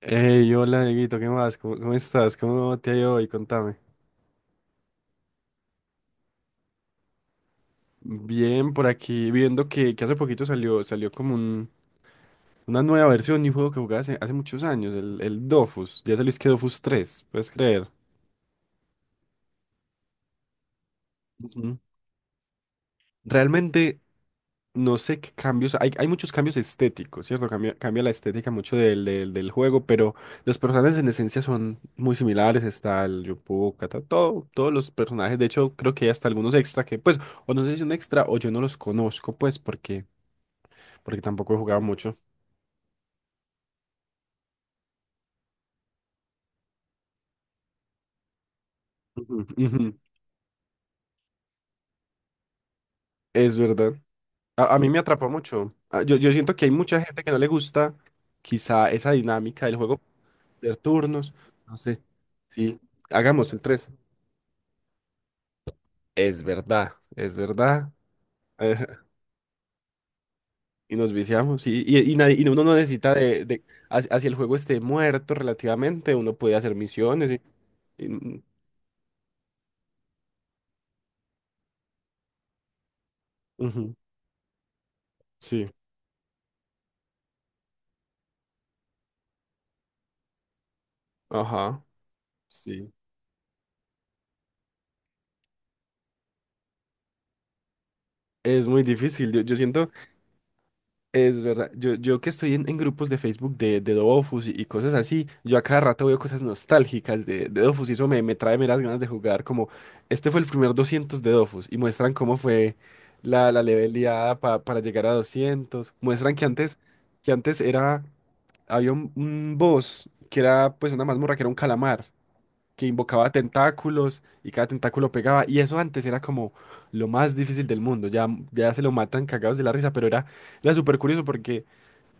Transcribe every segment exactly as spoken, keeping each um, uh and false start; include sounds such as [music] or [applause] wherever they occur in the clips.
Hey, hola, Dieguito, ¿qué más? ¿Cómo, cómo estás? ¿Cómo te ha ido hoy? Contame. Bien, por aquí viendo que, que hace poquito salió, salió como un- una nueva versión de un juego que jugaba hace, hace muchos años, el, el Dofus. Ya salió es que Dofus tres, ¿puedes creer? Ujú. Realmente, no sé qué cambios, hay, hay muchos cambios estéticos, ¿cierto? Cambia, cambia la estética mucho del, del, del juego, pero los personajes en esencia son muy similares. Está el Yopo, Kata, todo, todos los personajes. De hecho creo que hay hasta algunos extra que, pues, o no sé si un extra o yo no los conozco, pues, porque, porque tampoco he jugado mucho. Ujú, ujú. Es verdad. A, a mí me atrapó mucho. Ah, Yo, yo siento que hay mucha gente que no le gusta quizá esa dinámica del juego de turnos, no sé. Sí, hagamos el tres. Es verdad, es verdad. [laughs] Ajá. Y nos viciamos. Y, y, y nadie- y uno no necesita de, de- hacia, hacia el juego esté muerto relativamente. Uno puede hacer misiones. y- y- mm, ujú. Sí, ajá, sí. Es muy difícil. Yo, yo siento. Es verdad, yo, yo que estoy en, en grupos de Facebook de, de Dofus y, y cosas así. Yo a cada rato veo cosas nostálgicas de, de Dofus y eso me, me trae meras ganas de jugar, como este fue el primer doscientos de Dofus y muestran cómo fue la, la leveleada pa- para llegar a doscientos. Muestran que antes, que antes era, había un, un boss que era pues una mazmorra que era un calamar que invocaba tentáculos y cada tentáculo pegaba. Y eso antes era como lo más difícil del mundo. Ya, ya se lo matan cagados de la risa, pero era, era súper curioso porque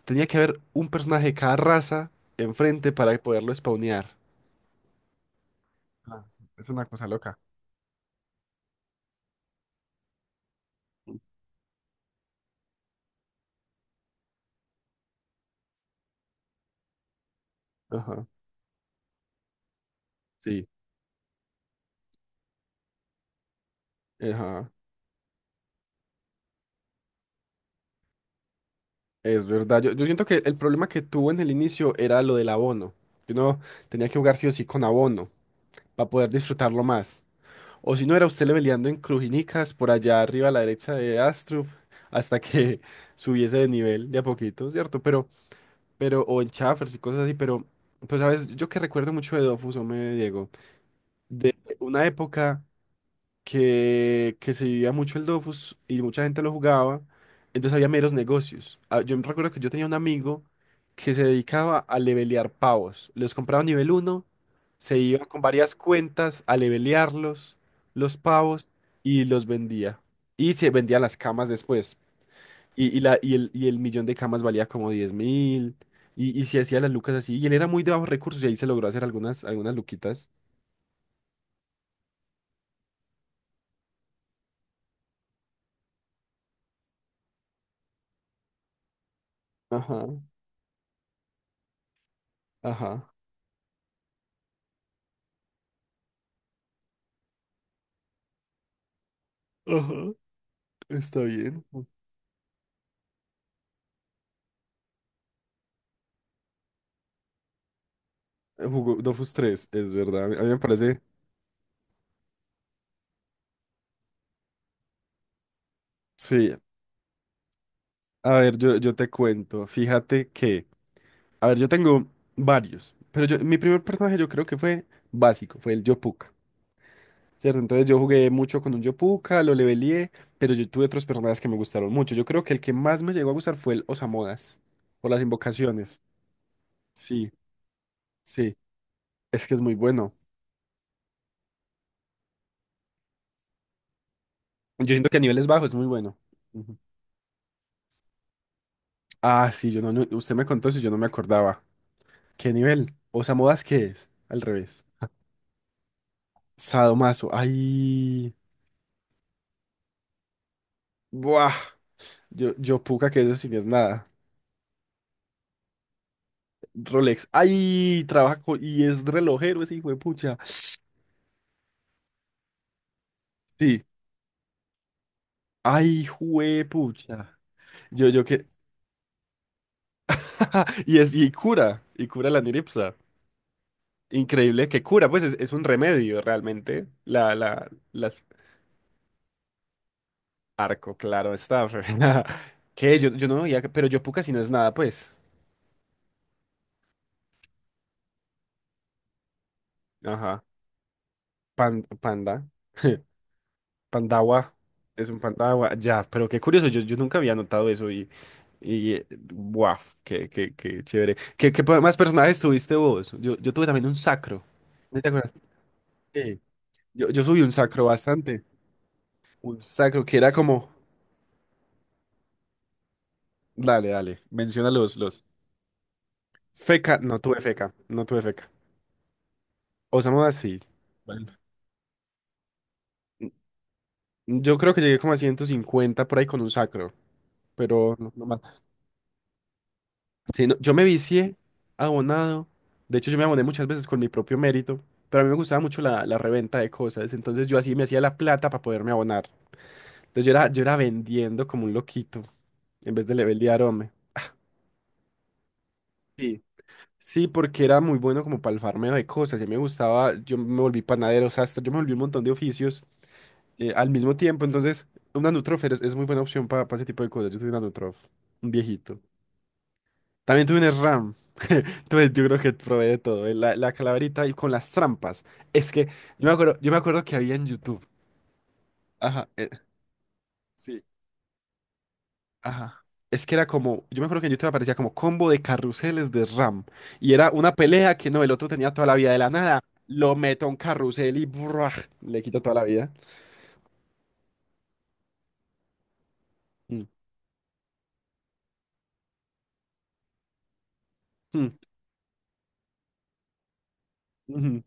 tenía que haber un personaje de cada raza enfrente para poderlo spawnear. Ah, sí. Es una cosa loca. Ajá. Sí, ajá. Es verdad. Yo, yo siento que el problema que tuvo en el inicio era lo del abono. Que uno tenía que jugar sí o sí con abono para poder disfrutarlo más. O si no, era usted leveleando en Crujinicas, por allá arriba a la derecha de Astrup, hasta que [laughs] subiese de nivel de a poquito, ¿cierto? Pero, pero, o en Chaffers y cosas así, pero, pues, ¿sabes? Yo que recuerdo mucho de Dofus, me Diego, de una época que, que se vivía mucho el Dofus y mucha gente lo jugaba, entonces había meros negocios. Ah, yo me recuerdo que yo tenía un amigo que se dedicaba a levelear pavos. Los compraba a nivel uno, se iba con varias cuentas a levelearlos, los pavos, y los vendía. Y se vendían las camas después. Y, y la, y, el, y el millón de camas valía como diez mil. Y, y se hacía las lucas así. Y él era muy de bajos recursos y ahí se logró hacer algunas, algunas luquitas. Ajá, ajá. Ajá, está bien. eh, Jugó Dofus tres, es verdad. A mí a mí me parece. Sí. A ver, yo, yo te cuento. Fíjate que. A ver, yo tengo varios. Pero yo, mi primer personaje yo creo que fue básico, fue el Yopuka. ¿Cierto? Entonces yo jugué mucho con un Yopuka, lo leveleé, pero yo tuve otros personajes que me gustaron mucho. Yo creo que el que más me llegó a gustar fue el Osamodas. Por las invocaciones. Sí, sí. Es que es muy bueno. Yo siento que a niveles bajos es muy bueno. Ujú. Ah, sí, yo no, no- usted me contó eso y yo no me acordaba. ¿Qué nivel? ¿Osamodas qué es? Al revés. Sadomaso. Ay. Buah. Yo, yo puca que eso sí no es nada. Rolex. Ay, trabajo y es relojero ese hijo de pucha. Sí. Ay, juepucha. Yo, yo que. [laughs] Y es, y cura. Y cura la niripsa. Increíble que cura. Pues es, es un remedio realmente. La, la, las. Arco, claro, está. [laughs] Que yo, yo no veía, que- pero yo puca si no es nada, pues. Ajá. Pan- panda. [laughs] Pandawa es un pandawa ya, pero qué curioso, yo, yo nunca había notado eso y, y eh, guau qué, qué, qué chévere. ¿Qué, qué más personajes tuviste vos? Yo, yo tuve también un sacro. ¿No te acuerdas? Sí. Yo, yo subí un sacro bastante. Un sacro que era como, dale, dale, menciona los, los. Feca, no tuve feca, no tuve feca. Osamu así. Bueno. Yo creo que llegué como a ciento cincuenta por ahí con un sacro, pero no, no más. Sí, no, yo me vicié abonado. De hecho, yo me aboné muchas veces con mi propio mérito, pero a mí me gustaba mucho la, la reventa de cosas. Entonces yo así me hacía la plata para poderme abonar. Entonces yo era, yo era vendiendo como un loquito en vez de levelear, hombre. Sí. Sí, porque era muy bueno como para el farmeo de cosas. Y me gustaba, yo me volví panadero, sastre, yo me volví un montón de oficios eh, al mismo tiempo. Entonces, una Nutrof es, es muy buena opción para ese tipo de cosas. Yo soy una Nutrof, un viejito. También tuve un S R A M. [laughs] Entonces yo creo que probé de todo. eh, La, la calaverita y con las trampas. Es que yo me acuerdo, yo me acuerdo que había en YouTube. Ajá. eh, sí. Ajá. Es que era como, yo me acuerdo que en YouTube aparecía como combo de carruseles de S R A M. Y era una pelea que no, el otro tenía toda la vida de la nada. Lo meto a un carrusel y ¡buah! Le quito toda la vida. Mm, mm, ujú.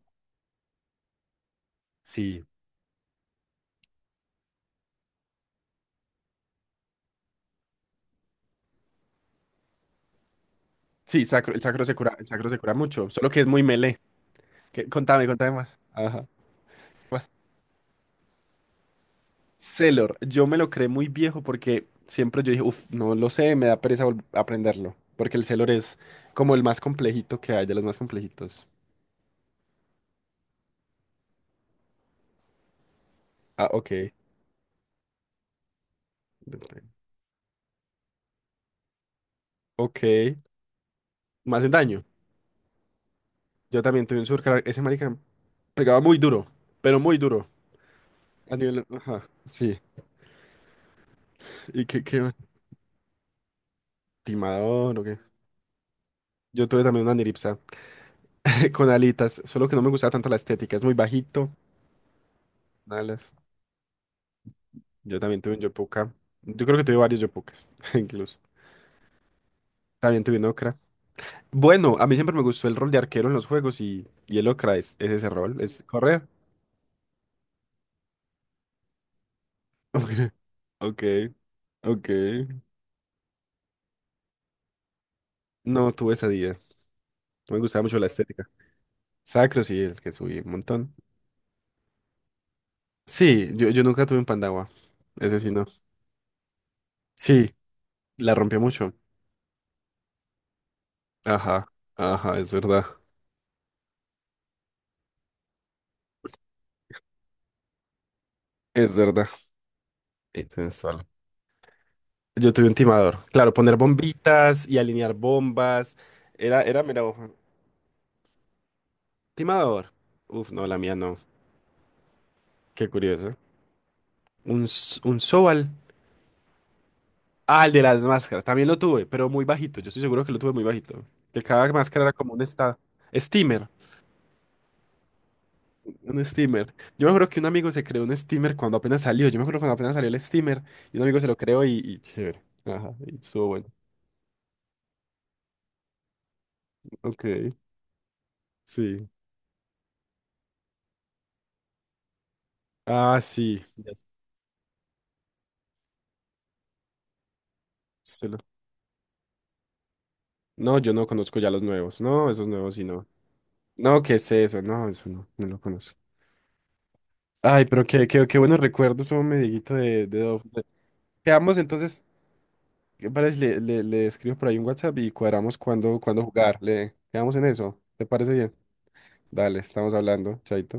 Sí. Sí, sacro, el sacro se cura, el sacro se cura mucho. Solo que es muy melee. Que- contame, contame más. Ajá. Sailor, yo me lo creé muy viejo porque siempre yo dije, uff, no lo sé, me da pereza vol- aprenderlo. Porque el Sailor es como el más complejito que hay, de los más complejitos. Ah, ok. Ok. Más en daño. Yo también tuve un Surcar. Ese marica pegaba muy duro, pero muy duro. A nivel. Ajá, sí. ¿Y qué, qué? Más? Timador, ¿o qué? Yo tuve también una Niripsa [laughs] con alitas, solo que no me gustaba tanto la estética. Es muy bajito. Alas. Yo también tuve un Yopuka. Yo creo que tuve varios Yopukas, [laughs] incluso. También tuve un Okra. Bueno, a mí siempre me gustó el rol de arquero en los juegos y, y el Ocra es, es ese rol, es correr. [laughs] Ok, ok. No tuve esa idea. No me gustaba mucho la estética. Sacro, sí, el que subí un montón. Sí, yo, yo nunca tuve un Pandawa. Ese sí no. Sí, la rompió mucho. Ajá, ajá, es verdad. Es verdad. Eh, tienes toda la- Yo tuve un timador. Claro, poner bombitas y alinear bombas. Era, era, mira, ojo, timador. Uf, no, la mía no. Qué curioso. Un, s- un Sobal. Ah, el de las máscaras. También lo tuve, pero muy bajito. Yo estoy seguro que lo tuve muy bajito. Que cada máscara era como un esta... steamer. Un steamer. Yo me acuerdo que un amigo se creó un steamer cuando apenas salió. Yo me acuerdo cuando apenas salió el steamer. Y un amigo se lo creó y, y chévere. Ajá, y estuvo bueno. Ok, sí. Ah, sí. ya se lo- No, yo no conozco ya los nuevos. No, esos nuevos sí no. No, ¿qué es eso? No, eso no. No lo conozco. Ay, pero qué, qué, qué buenos recuerdos, un mediguito de, de... Dove. Quedamos entonces. ¿Qué parece? Le, le, le escribo por ahí un WhatsApp y cuadramos cuándo, cuándo jugar. Le quedamos en eso. ¿Te parece bien? Dale, estamos hablando. Chaito.